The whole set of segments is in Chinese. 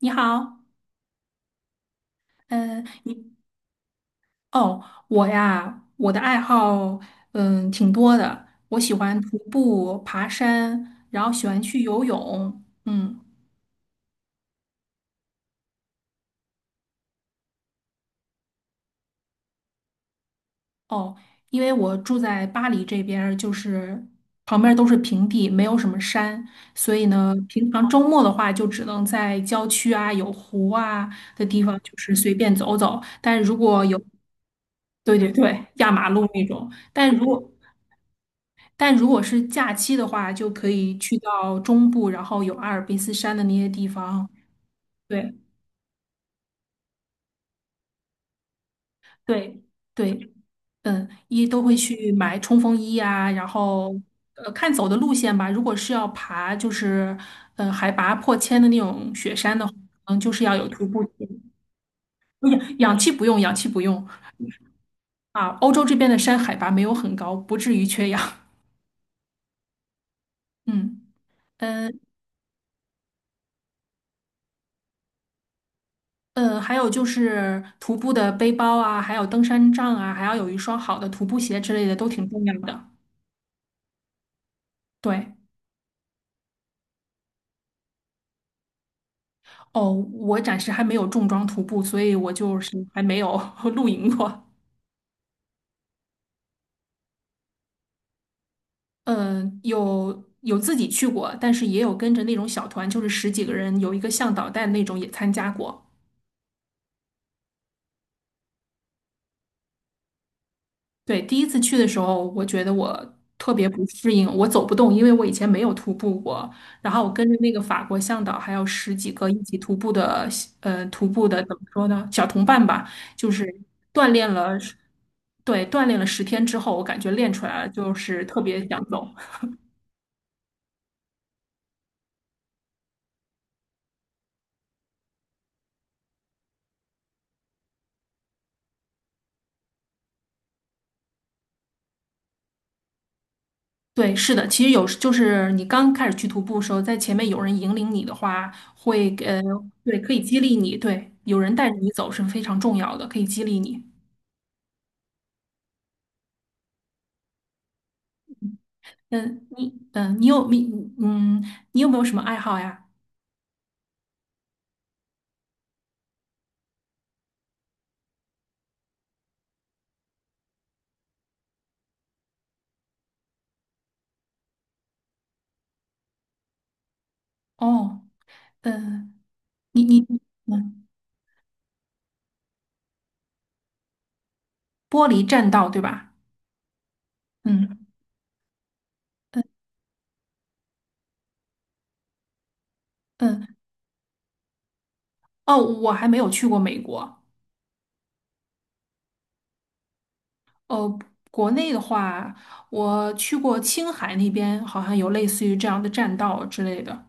你好，嗯，哦，我呀，我的爱好挺多的，我喜欢徒步、爬山，然后喜欢去游泳，哦，因为我住在巴黎这边儿就是旁边儿都是平地，没有什么山，所以呢，平常周末的话就只能在郊区啊、有湖啊的地方，就是随便走走，但如果有对对对，压马路那种。但如果是假期的话，就可以去到中部，然后有阿尔卑斯山的那些地方。对对对，一都会去买冲锋衣啊，然后看走的路线吧。如果是要爬，就是海拔破千的那种雪山的话，就是要有徒步机不，氧气不用，氧气不用啊。欧洲这边的山海拔没有很高，不至于缺氧。嗯。嗯还有就是徒步的背包啊，还有登山杖啊，还要有一双好的徒步鞋之类的，都挺重要的。对，哦，我暂时还没有重装徒步，所以我就是还没有 露营过。嗯、有自己去过，但是也有跟着那种小团，就是十几个人，有一个向导带的那种也参加过。对，第一次去的时候，我觉得我特别不适应，我走不动，因为我以前没有徒步过。然后我跟着那个法国向导，还有十几个一起徒步的，徒步的怎么说呢，小同伴吧，就是锻炼了，对，锻炼了10天之后，我感觉练出来了，就是特别想走。对，是的，其实有时就是你刚开始去徒步的时候，在前面有人引领你的话，会呃，对，可以激励你，对，有人带着你走是非常重要的，可以激励你。嗯，你嗯，你有你嗯，你有没有什么爱好呀？哦，嗯，你你嗯，玻璃栈道对吧？嗯嗯嗯，哦，我还没有去过美国。哦，国内的话，我去过青海那边，好像有类似于这样的栈道之类的。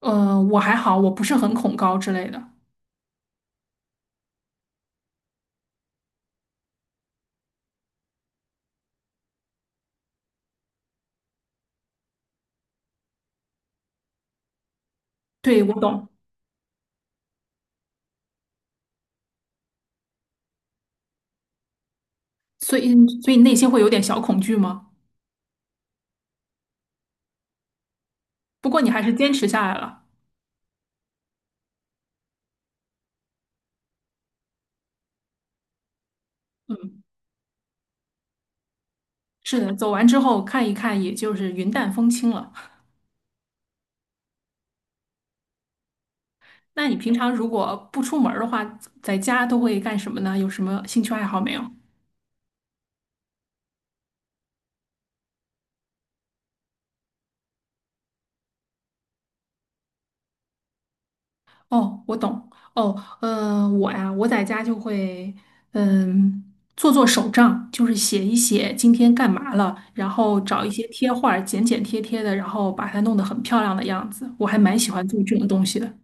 我还好，我不是很恐高之类的。对，我懂。所以内心会有点小恐惧吗？不过你还是坚持下来了。嗯，是的，走完之后看一看，也就是云淡风轻了。那你平常如果不出门儿的话，在家都会干什么呢？有什么兴趣爱好没有？哦，我懂。哦，我呀，我在家就会，嗯，做做手账，就是写一写今天干嘛了，然后找一些贴画儿，剪剪贴贴的，然后把它弄得很漂亮的样子。我还蛮喜欢做这种东西的。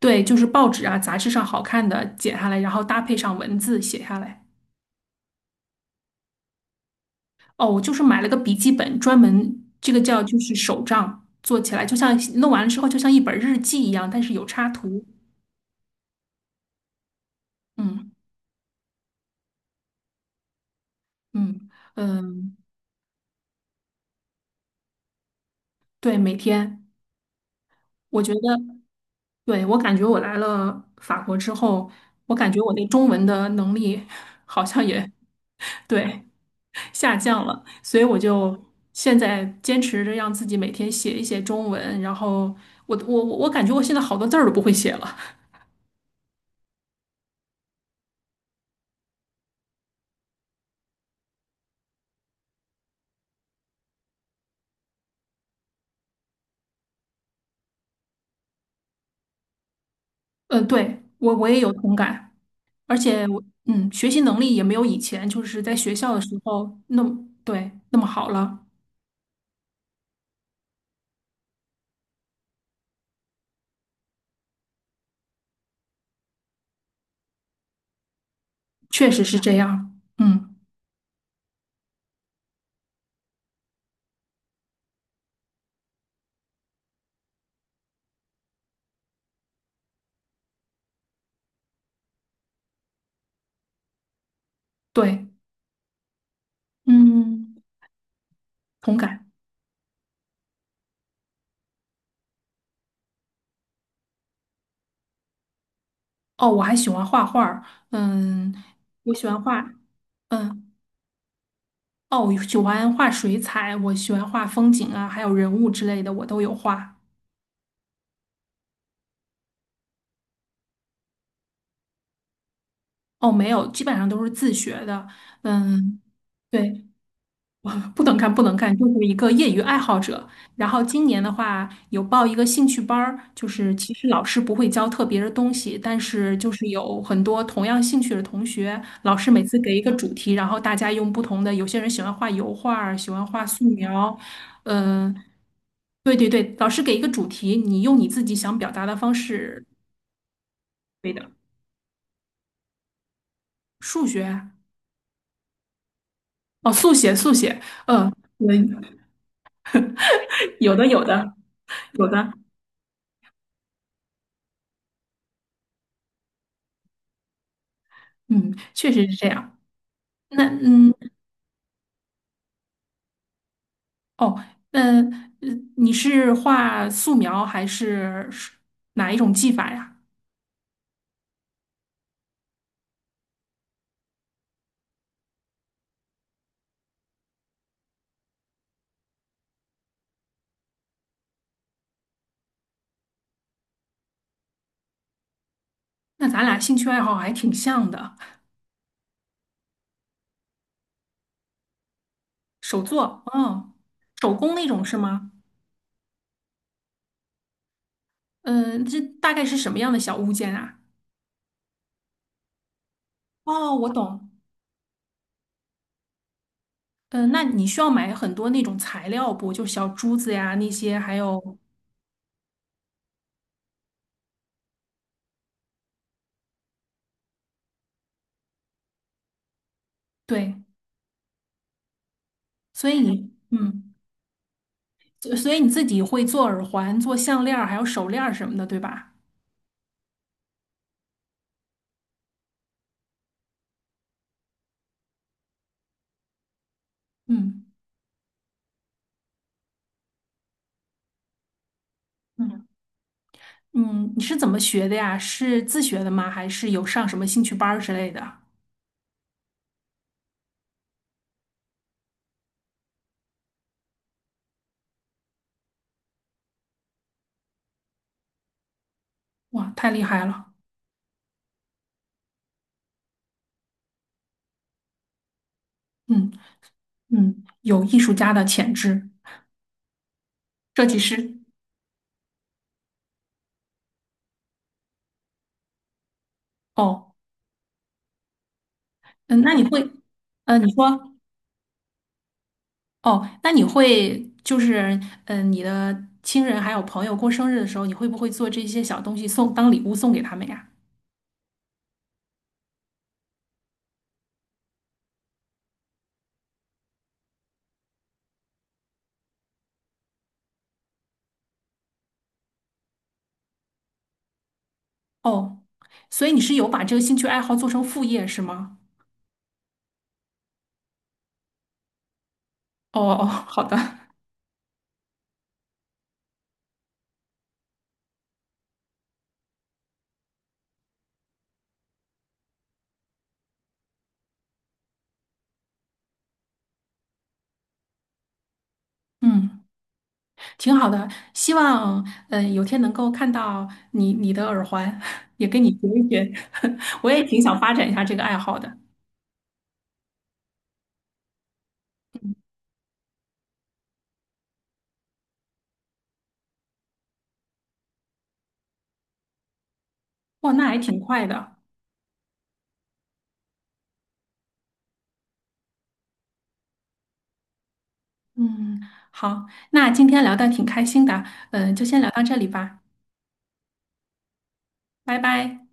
对，就是报纸啊、杂志上好看的剪下来，然后搭配上文字写下来。哦，我就是买了个笔记本，专门这个叫就是手账，做起来就像弄完了之后就像一本日记一样，但是有插图。嗯嗯嗯，对，每天我觉得，对，我感觉我来了法国之后，我感觉我那中文的能力 好像也，对，下降了，所以我就现在坚持着让自己每天写一写中文，然后我感觉我现在好多字儿都不会写了。嗯，对，我也有同感。而且我学习能力也没有以前就是在学校的时候那么，对，那么好了，确实是这样。嗯，对，嗯，同感。哦，我还喜欢画画儿嗯，我喜欢画，嗯，哦，我喜欢画水彩，我喜欢画风景啊，还有人物之类的，我都有画。哦，没有，基本上都是自学的。嗯，对，不能干，不能干，就是一个业余爱好者。然后今年的话，有报一个兴趣班儿，就是其实老师不会教特别的东西，但是就是有很多同样兴趣的同学，老师每次给一个主题，然后大家用不同的，有些人喜欢画油画儿，喜欢画素描，嗯、对对对，老师给一个主题，你用你自己想表达的方式，对的，数学，哦，速写，速写，嗯、嗯，有的，有的，有的。嗯，确实是这样。那哦，那呃你是画素描还是哪一种技法呀？那咱俩兴趣爱好还挺像的，手作，哦，手工那种是吗？嗯、这大概是什么样的小物件啊？哦，我懂。嗯、那你需要买很多那种材料不？就小珠子呀那些，还有对，所以你嗯，所以你自己会做耳环、做项链儿还有手链儿什么的，对吧？嗯嗯。嗯，你是怎么学的呀？是自学的吗？还是有上什么兴趣班儿之类的？哇，太厉害了！嗯嗯，有艺术家的潜质，设计师。哦，嗯，那你会，你说，哦，那你会就是，你的亲人还有朋友过生日的时候，你会不会做这些小东西送当礼物送给他们呀？哦，所以你是有把这个兴趣爱好做成副业是吗？哦哦，好的，嗯。挺好的，希望有天能够看到你的耳环，也跟你学一学。我也挺想发展一下这个爱好的。哇，那还挺快的。嗯，好，那今天聊的挺开心的，就先聊到这里吧，拜拜。